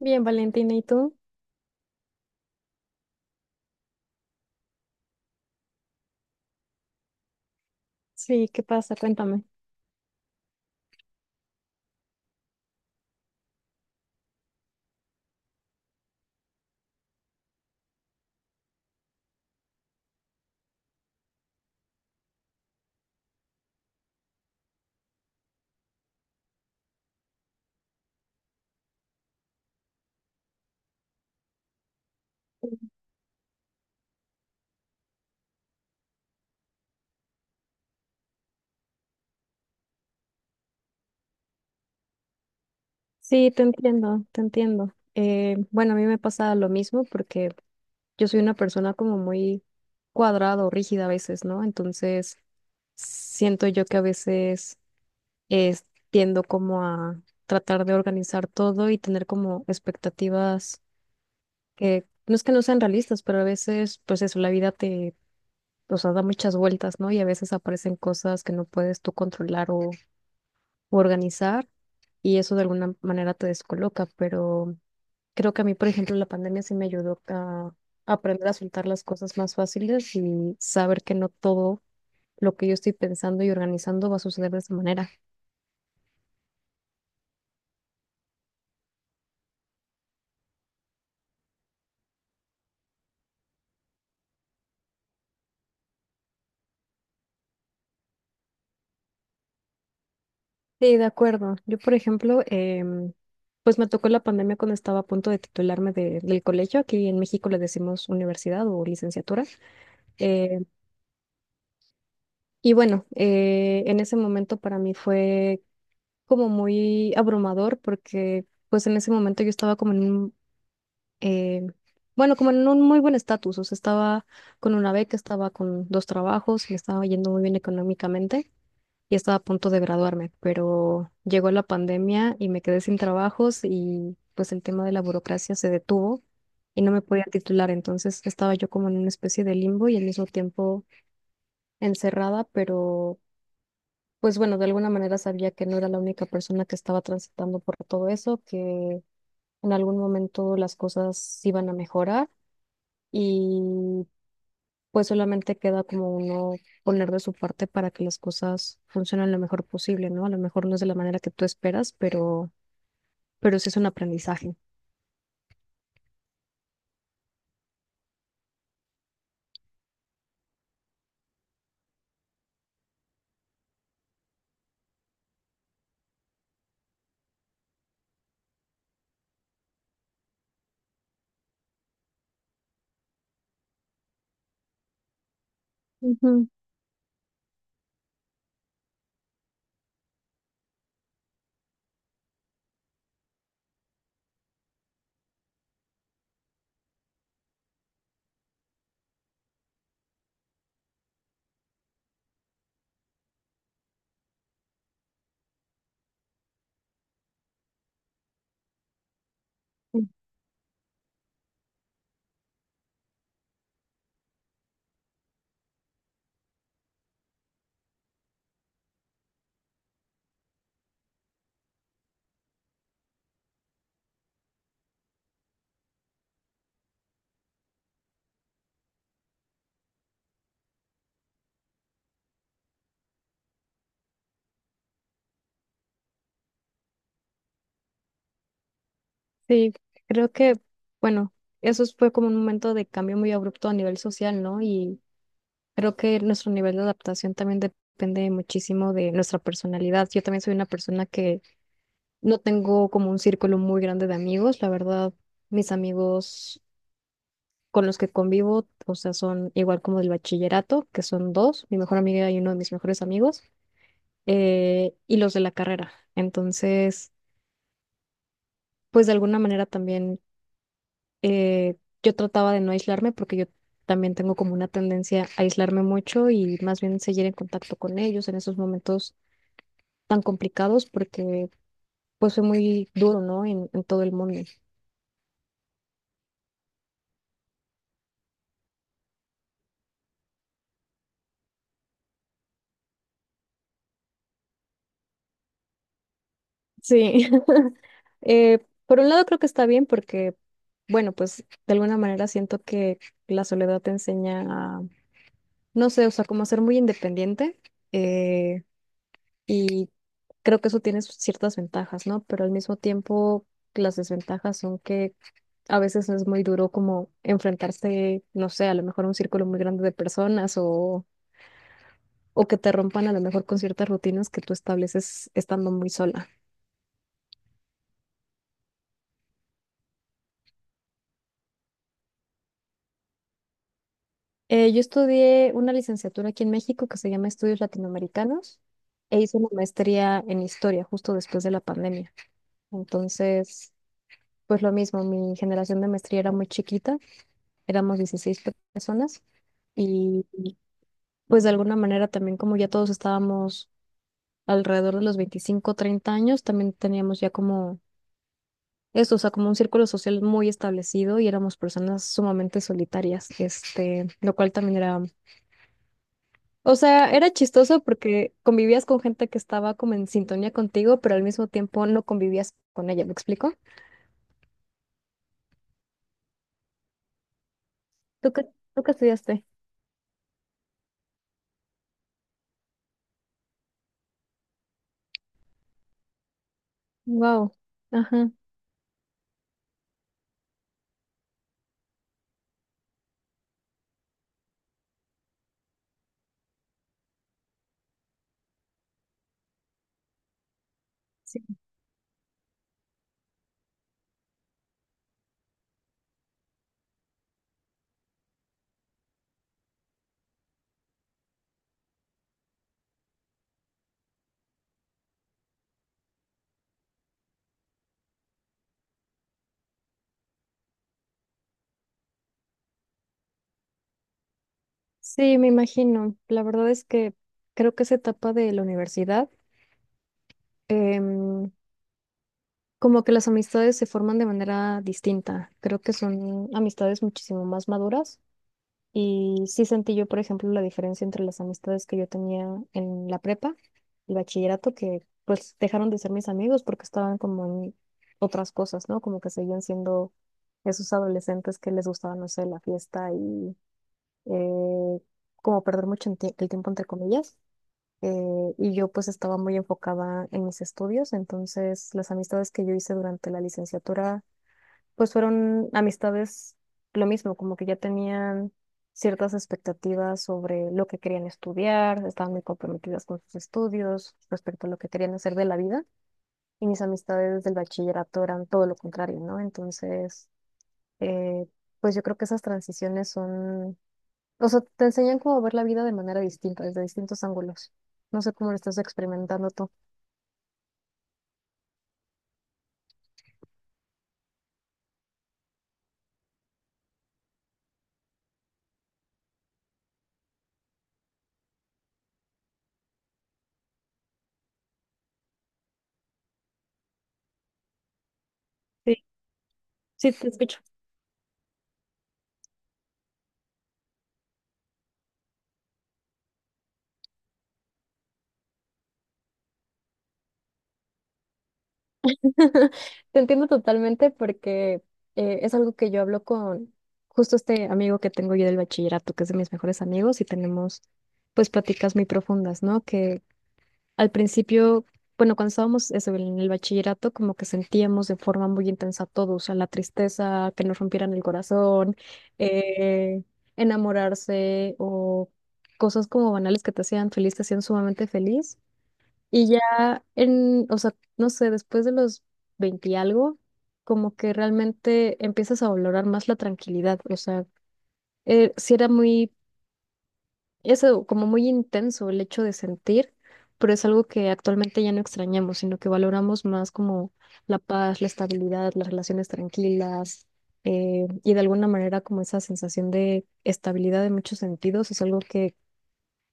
Bien, Valentina, ¿y tú? Sí, ¿qué pasa? Cuéntame. Sí, te entiendo, te entiendo. Bueno, a mí me pasa lo mismo porque yo soy una persona como muy cuadrada o rígida a veces, ¿no? Entonces, siento yo que a veces eh, tiendo como a tratar de organizar todo y tener como expectativas que no es que no sean realistas, pero a veces, pues eso, la vida te, o sea, da muchas vueltas, ¿no? Y a veces aparecen cosas que no puedes tú controlar o u organizar y eso de alguna manera te descoloca, pero creo que a mí, por ejemplo, la pandemia sí me ayudó a aprender a soltar las cosas más fáciles y saber que no todo lo que yo estoy pensando y organizando va a suceder de esa manera. Sí, de acuerdo. Yo, por ejemplo, pues me tocó la pandemia cuando estaba a punto de titularme del colegio. Aquí en México le decimos universidad o licenciatura. Eh, y bueno, en ese momento para mí fue como muy abrumador porque pues en ese momento yo estaba como en eh, un muy buen estatus, o sea, estaba con una beca, estaba con dos trabajos, me estaba yendo muy bien económicamente y estaba a punto de graduarme, pero llegó la pandemia y me quedé sin trabajos y pues el tema de la burocracia se detuvo. Y no me podía titular, entonces estaba yo como en una especie de limbo y al mismo tiempo encerrada, pero pues bueno, de alguna manera sabía que no era la única persona que estaba transitando por todo eso, que en algún momento las cosas iban a mejorar y pues solamente queda como uno poner de su parte para que las cosas funcionen lo mejor posible, ¿no? A lo mejor no es de la manera que tú esperas, pero sí es un aprendizaje. Ujú. Sí. Sí, creo que, bueno, eso fue como un momento de cambio muy abrupto a nivel social, ¿no? Y creo que nuestro nivel de adaptación también depende muchísimo de nuestra personalidad. Yo también soy una persona que no tengo como un círculo muy grande de amigos. La verdad, mis amigos con los que convivo, o sea, son igual como del bachillerato, que son dos, mi mejor amiga y uno de mis mejores amigos, y los de la carrera. Entonces, pues de alguna manera también eh, yo trataba de no aislarme porque yo también tengo como una tendencia a aislarme mucho y más bien seguir en contacto con ellos en esos momentos tan complicados porque pues fue muy duro, ¿no? En todo el mundo. Sí. Eh, por un lado creo que está bien porque, bueno, pues de alguna manera siento que la soledad te enseña a, no sé, o sea, como a ser muy independiente eh, y creo que eso tiene sus ciertas ventajas, ¿no? Pero al mismo tiempo las desventajas son que a veces es muy duro como enfrentarse, no sé, a lo mejor a un círculo muy grande de personas o que te rompan a lo mejor con ciertas rutinas que tú estableces estando muy sola. Yo estudié una licenciatura aquí en México que se llama Estudios Latinoamericanos e hice una maestría en historia justo después de la pandemia. Entonces, pues lo mismo, mi generación de maestría era muy chiquita, éramos 16 personas y pues de alguna manera también como ya todos estábamos alrededor de los 25-30 años, también teníamos ya como esto, o sea, como un círculo social muy establecido y éramos personas sumamente solitarias, este, lo cual también era, o sea, era chistoso porque convivías con gente que estaba como en sintonía contigo, pero al mismo tiempo no convivías con ella, ¿me explico? ¿Tú qué, ¿tú qué estudiaste? Wow. Ajá. Sí. Sí, me imagino. La verdad es que creo que esa etapa de la universidad, em, como que las amistades se forman de manera distinta. Creo que son amistades muchísimo más maduras. Y sí sentí yo, por ejemplo, la diferencia entre las amistades que yo tenía en la prepa, el bachillerato, que pues dejaron de ser mis amigos porque estaban como en otras cosas, ¿no? Como que seguían siendo esos adolescentes que les gustaba, no sé, la fiesta y eh, como perder mucho en el tiempo, entre comillas. Y yo pues estaba muy enfocada en mis estudios, entonces las amistades que yo hice durante la licenciatura pues fueron amistades lo mismo, como que ya tenían ciertas expectativas sobre lo que querían estudiar, estaban muy comprometidas con sus estudios respecto a lo que querían hacer de la vida. Y mis amistades del bachillerato eran todo lo contrario, ¿no? Entonces, eh, pues yo creo que esas transiciones son, o sea, te enseñan cómo ver la vida de manera distinta, desde distintos ángulos. No sé cómo lo estás experimentando tú. Sí, sí, te escucho. Te entiendo totalmente porque es algo que yo hablo con justo este amigo que tengo yo del bachillerato, que es de mis mejores amigos, y tenemos pues pláticas muy profundas, ¿no? Que al principio, bueno, cuando estábamos eso, en el bachillerato, como que sentíamos de forma muy intensa todo, o sea, la tristeza, que nos rompieran el corazón, eh, enamorarse o cosas como banales que te hacían feliz, te hacían sumamente feliz. Y ya en, o sea, no sé, después de los 20 y algo, como que realmente empiezas a valorar más la tranquilidad. O sea, sí era muy, eso, como muy intenso el hecho de sentir, pero es algo que actualmente ya no extrañamos, sino que valoramos más como la paz, la estabilidad, las relaciones tranquilas, y de alguna manera como esa sensación de estabilidad en muchos sentidos es algo que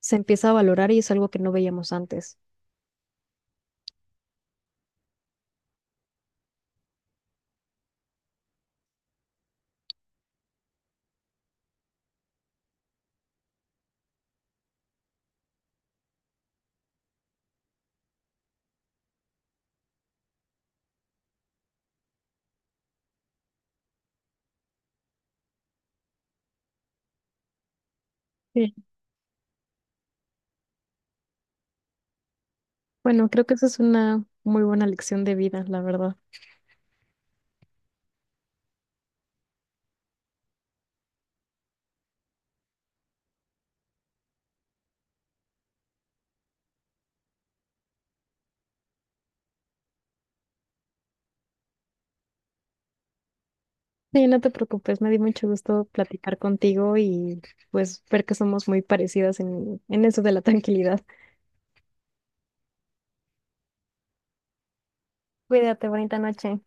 se empieza a valorar y es algo que no veíamos antes. Bueno, creo que eso es una muy buena lección de vida, la verdad. Sí, no te preocupes, me dio mucho gusto platicar contigo y pues ver que somos muy parecidas en eso de la tranquilidad. Cuídate, bonita noche.